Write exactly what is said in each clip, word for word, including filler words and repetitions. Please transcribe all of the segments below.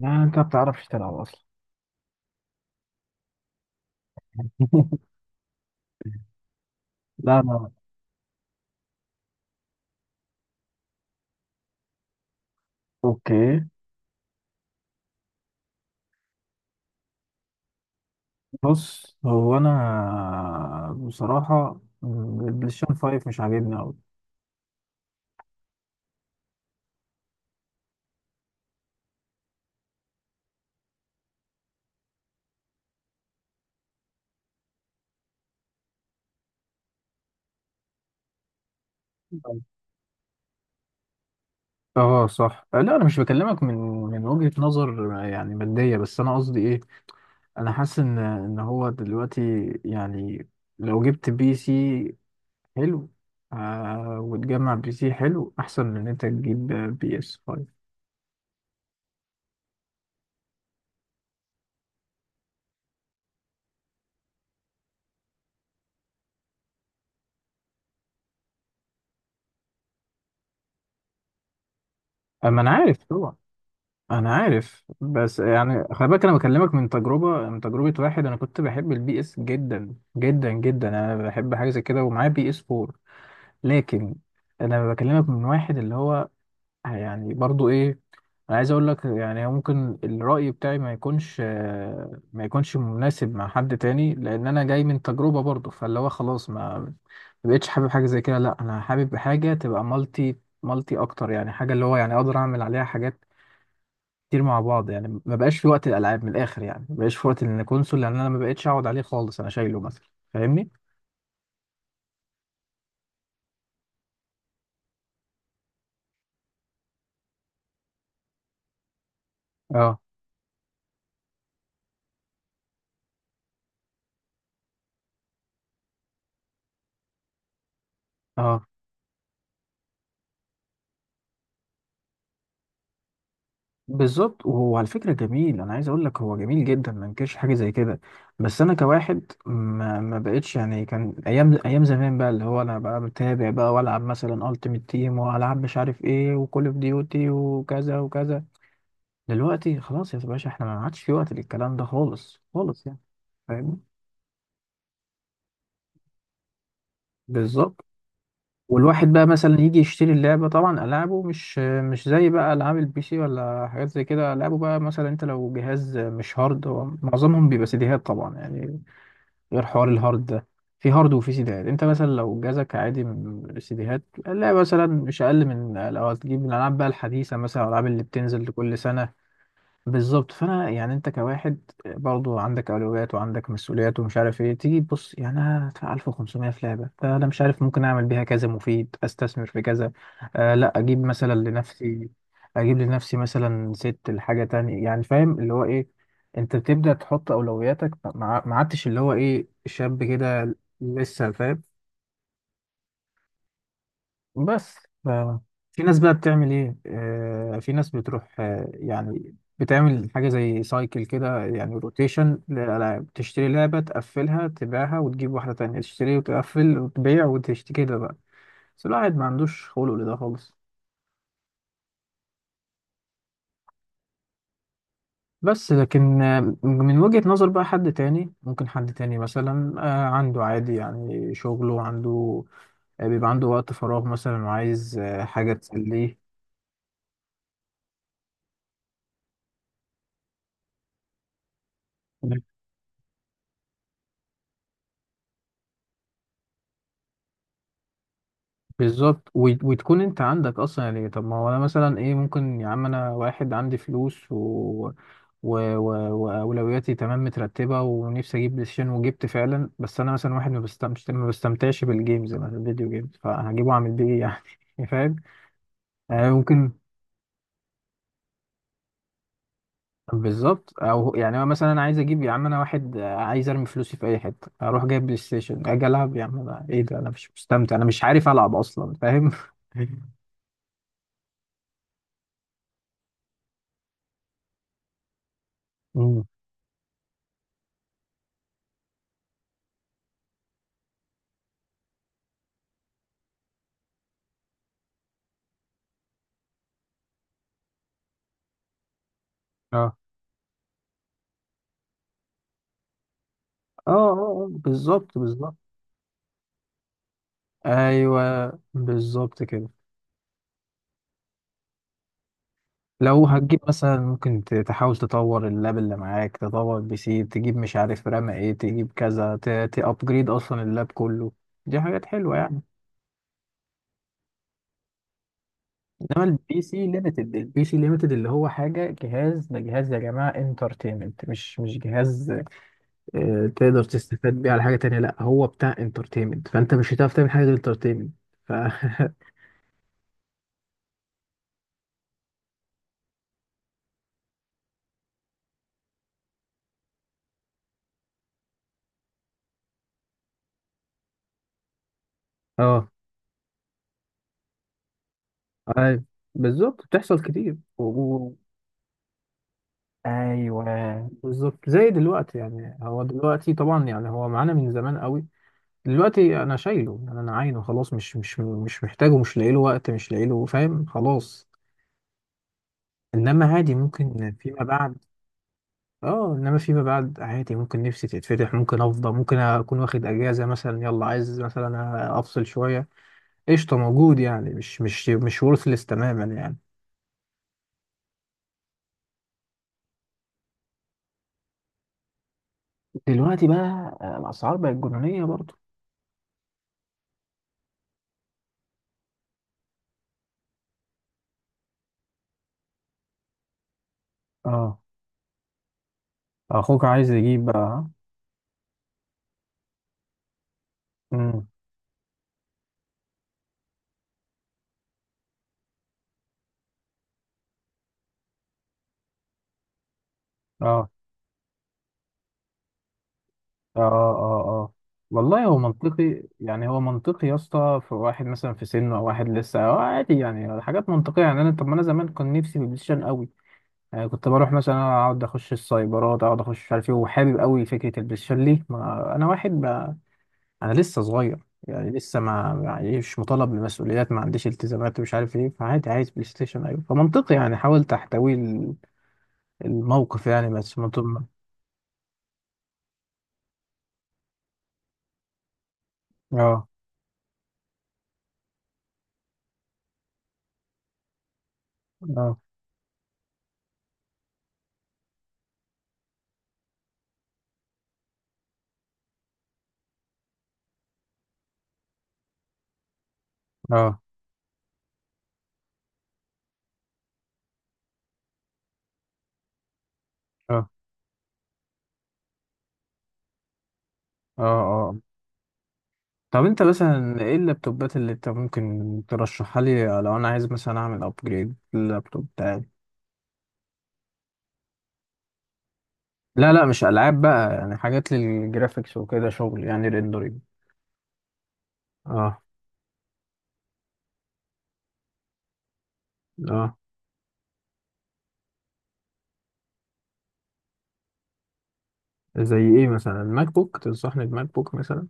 يعني انت ما بتعرفش تلعب اصلا؟ لا، لا. اوكي. بص، هو انا بصراحة البلايستيشن خمسة مش عاجبني اوي. اه صح. لا، انا مش بكلمك من من وجهة نظر يعني مادية، بس انا قصدي ايه. انا حاسس ان ان هو دلوقتي يعني لو جبت بي سي حلو، آه وتجمع بي سي حلو احسن من ان انت تجيب بي اس خمسة. اما انا عارف طبعا، انا عارف. بس يعني خلي بالك، انا بكلمك من تجربه من تجربه واحد انا كنت بحب البي اس جدا جدا جدا. انا بحب حاجه زي كده، ومعايا بي اس اربعة. لكن انا بكلمك من واحد اللي هو يعني برضو ايه. انا عايز اقول لك يعني ممكن الراي بتاعي ما يكونش آه، ما يكونش مناسب مع حد تاني، لان انا جاي من تجربه برضو، فاللي هو خلاص ما ما بقتش حابب حاجه زي كده. لا، انا حابب حاجه تبقى مالتي، مالتي اكتر يعني، حاجه اللي هو يعني اقدر اعمل عليها حاجات كتير مع بعض. يعني ما بقاش في وقت الالعاب، من الاخر يعني ما بقاش في وقت ان كونسول، لان انا ما بقتش اقعد عليه خالص. انا شايله مثلا، فاهمني. اه، اه. بالظبط، وهو على فكره جميل، انا عايز اقول لك هو جميل جدا، ما انكرش حاجه زي كده. بس انا كواحد ما, ما بقتش يعني. كان ايام ايام زمان بقى اللي هو انا بقى متابع بقى والعب مثلا التيمت تيم، والعب مش عارف ايه، وكول اوف ديوتي، وكذا وكذا. دلوقتي خلاص يا باشا، احنا ما عادش في وقت للكلام ده خالص خالص يعني. فاهمني. بالظبط. والواحد بقى مثلا يجي يشتري اللعبة، طبعا ألعابه مش مش زي بقى ألعاب البي سي ولا حاجات زي كده. ألعابه بقى مثلا، أنت لو جهاز مش هارد، هو معظمهم بيبقى سيديهات طبعا يعني. غير حوار الهارد ده، في هارد وفي سيديهات. أنت مثلا لو جهازك عادي من سيديهات، اللعبة مثلا مش أقل من لو هتجيب الألعاب بقى الحديثة، مثلا الألعاب اللي بتنزل كل سنة. بالظبط. فانا يعني انت كواحد برضو عندك اولويات وعندك مسؤوليات ومش عارف ايه. تيجي تبص يعني، انا هدفع ألف وخمسمية في لعبه، فانا مش عارف، ممكن اعمل بيها كذا مفيد، استثمر في كذا. آه لا اجيب مثلا لنفسي، اجيب لنفسي مثلا ست لحاجه تانية يعني، فاهم اللي هو ايه. انت بتبدا تحط اولوياتك، ما ما عدتش اللي هو ايه شاب كده. لسه فاهم. بس ف- في ناس بقى بتعمل ايه، آه في ناس بتروح، آه يعني بتعمل حاجة زي سايكل كده، يعني روتيشن للألعاب. تشتري لعبة، تقفلها، تبيعها، وتجيب واحدة تانية، تشتري وتقفل وتبيع وتشتري كده بقى. بس الواحد ما عندوش خلق لده خالص. بس لكن، آه، من وجهة نظر بقى حد تاني، ممكن حد تاني مثلا آه عنده عادي يعني، شغله عنده، آه، بيبقى عنده وقت فراغ مثلا، وعايز آه، حاجة تسليه. بالظبط، وت- وتكون انت عندك اصلا يعني. طب ما هو انا مثلا ايه، ممكن يا عم انا واحد عندي فلوس و... و... و... واولوياتي تمام مترتبه، ونفسي اجيب بلاي ستيشن، وجبت فعلا. بس انا مثلا واحد ما بستمتعش ما بستمتعش بالجيمز، مثلا الفيديو جيمز، فهجيبه اعمل بيه ايه يعني فاهم يعني، ممكن. بالظبط، او يعني هو مثلا، انا عايز اجيب يا عم، انا واحد آه، عايز ارمي فلوسي في اي حته، اروح جايب بلاي ستيشن، اجي العب. يا عم انا ايه ده، انا مش مستمتع، انا مش عارف العب اصلا، فاهم. مم. اه، اه، اه. آه، بالظبط، بالظبط. ايوه، بالظبط كده. لو هتجيب مثلا، ممكن ت- تحاول تطور اللاب اللي معاك، تطور بي سي، تجيب مش عارف رام ايه، تجيب كذا، تابجريد اصلا اللاب كله. دي حاجات حلوه يعني. انما البي سي ليميتد البي سي ليميتد اللي هو حاجه. جهاز ده جهاز يا جماعه انترتينمنت، مش مش جهاز آه، تقدر تستفاد بيه على حاجه تانية. لا، هو بتاع انترتينمنت، فانت مش هتعرف تعمل حاجه غير انترتينمنت. ف اه. أي- بالظبط، بتحصل كتير و- و- ايوه، بالظبط زي دلوقتي يعني. هو دلوقتي طبعا يعني هو معانا من زمان قوي. دلوقتي انا شايله يعني، انا عاينه خلاص، مش مش مش محتاجه، مش لاقي له وقت، مش لاقي له فاهم خلاص. انما عادي ممكن فيما بعد. اه. انما فيما بعد عادي، ممكن نفسي تتفتح، ممكن افضى، ممكن اكون واخد اجازه مثلا، يلا عايز مثلا افصل شويه، قشطه موجود يعني، مش مش مش worthless تماما يعني. دلوقتي بقى، آه، الاسعار بقت جنونيه برضه. اه. اخوك عايز يجيب بقى. امم. اه، اه، اه، اه. آه. والله هو منطقي يعني، هو منطقي يا اسطى. في واحد مثلا في سنه، او واحد لسه آه عادي يعني، حاجات منطقيه يعني. انا طب ما انا زمان كان نفسي في البلاي ستيشن قوي يعني، كنت بروح مثلا اقعد اخش السايبرات، اقعد اخش مش عارف ايه، وحابب قوي فكره البلاي ستيشن. ليه؟ ما انا واحد ما، انا لسه صغير يعني، لسه ما يعني مش مطالب بمسؤوليات، ما عنديش التزامات، ومش عارف ايه، فعادي عايز بلاي ستيشن، ايوه. فمنطقي يعني، حاولت احتوي الموقف يعني، بس ما. اه، اه، اه، اه، اه، اه. طب انت مثلا ايه اللابتوبات اللي انت ممكن ترشحها لي، لو انا عايز مثلا اعمل ابجريد لللابتوب بتاعي؟ لا، لا، مش العاب بقى يعني، حاجات للجرافيكس وكده، شغل يعني ريندرينج. اه، اه. زي ايه مثلا، الماك بوك؟ تنصحني بماك بوك مثلا؟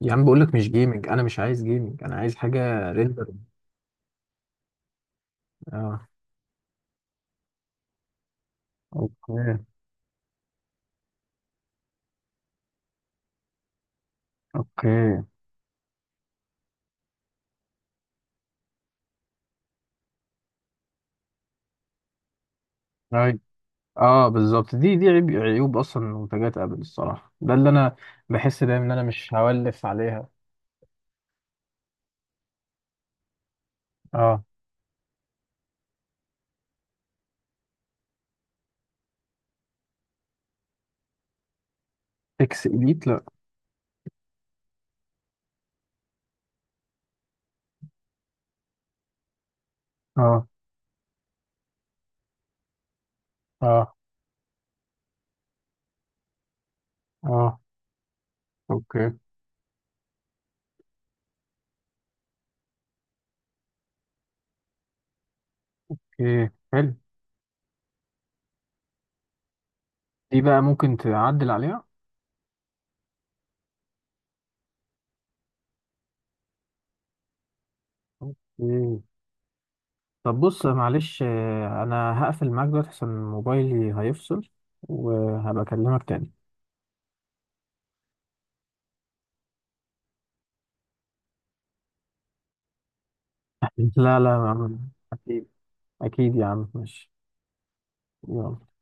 يا عم بقول لك مش جيمنج، انا مش عايز جيمنج، انا عايز حاجه ريندرينج. اه. اوكي، اوكي. طيب. اه، بالظبط. دي دي عيب عيوب اصلا منتجات ابل الصراحه، ده اللي انا بحس دايما ان انا مش هولف عليها. اه. اكس اليت؟ لا. اه، اه، اه. اوكي، اوكي، حلو. دي بقى ممكن تعدل عليها. اوكي. طب بص، معلش، آه، انا هقفل معاك دلوقتي عشان موبايلي هيفصل، وهبقى اكلمك تاني. لا، لا يا عم، اكيد. اكيد يا عم، ماشي. يلا.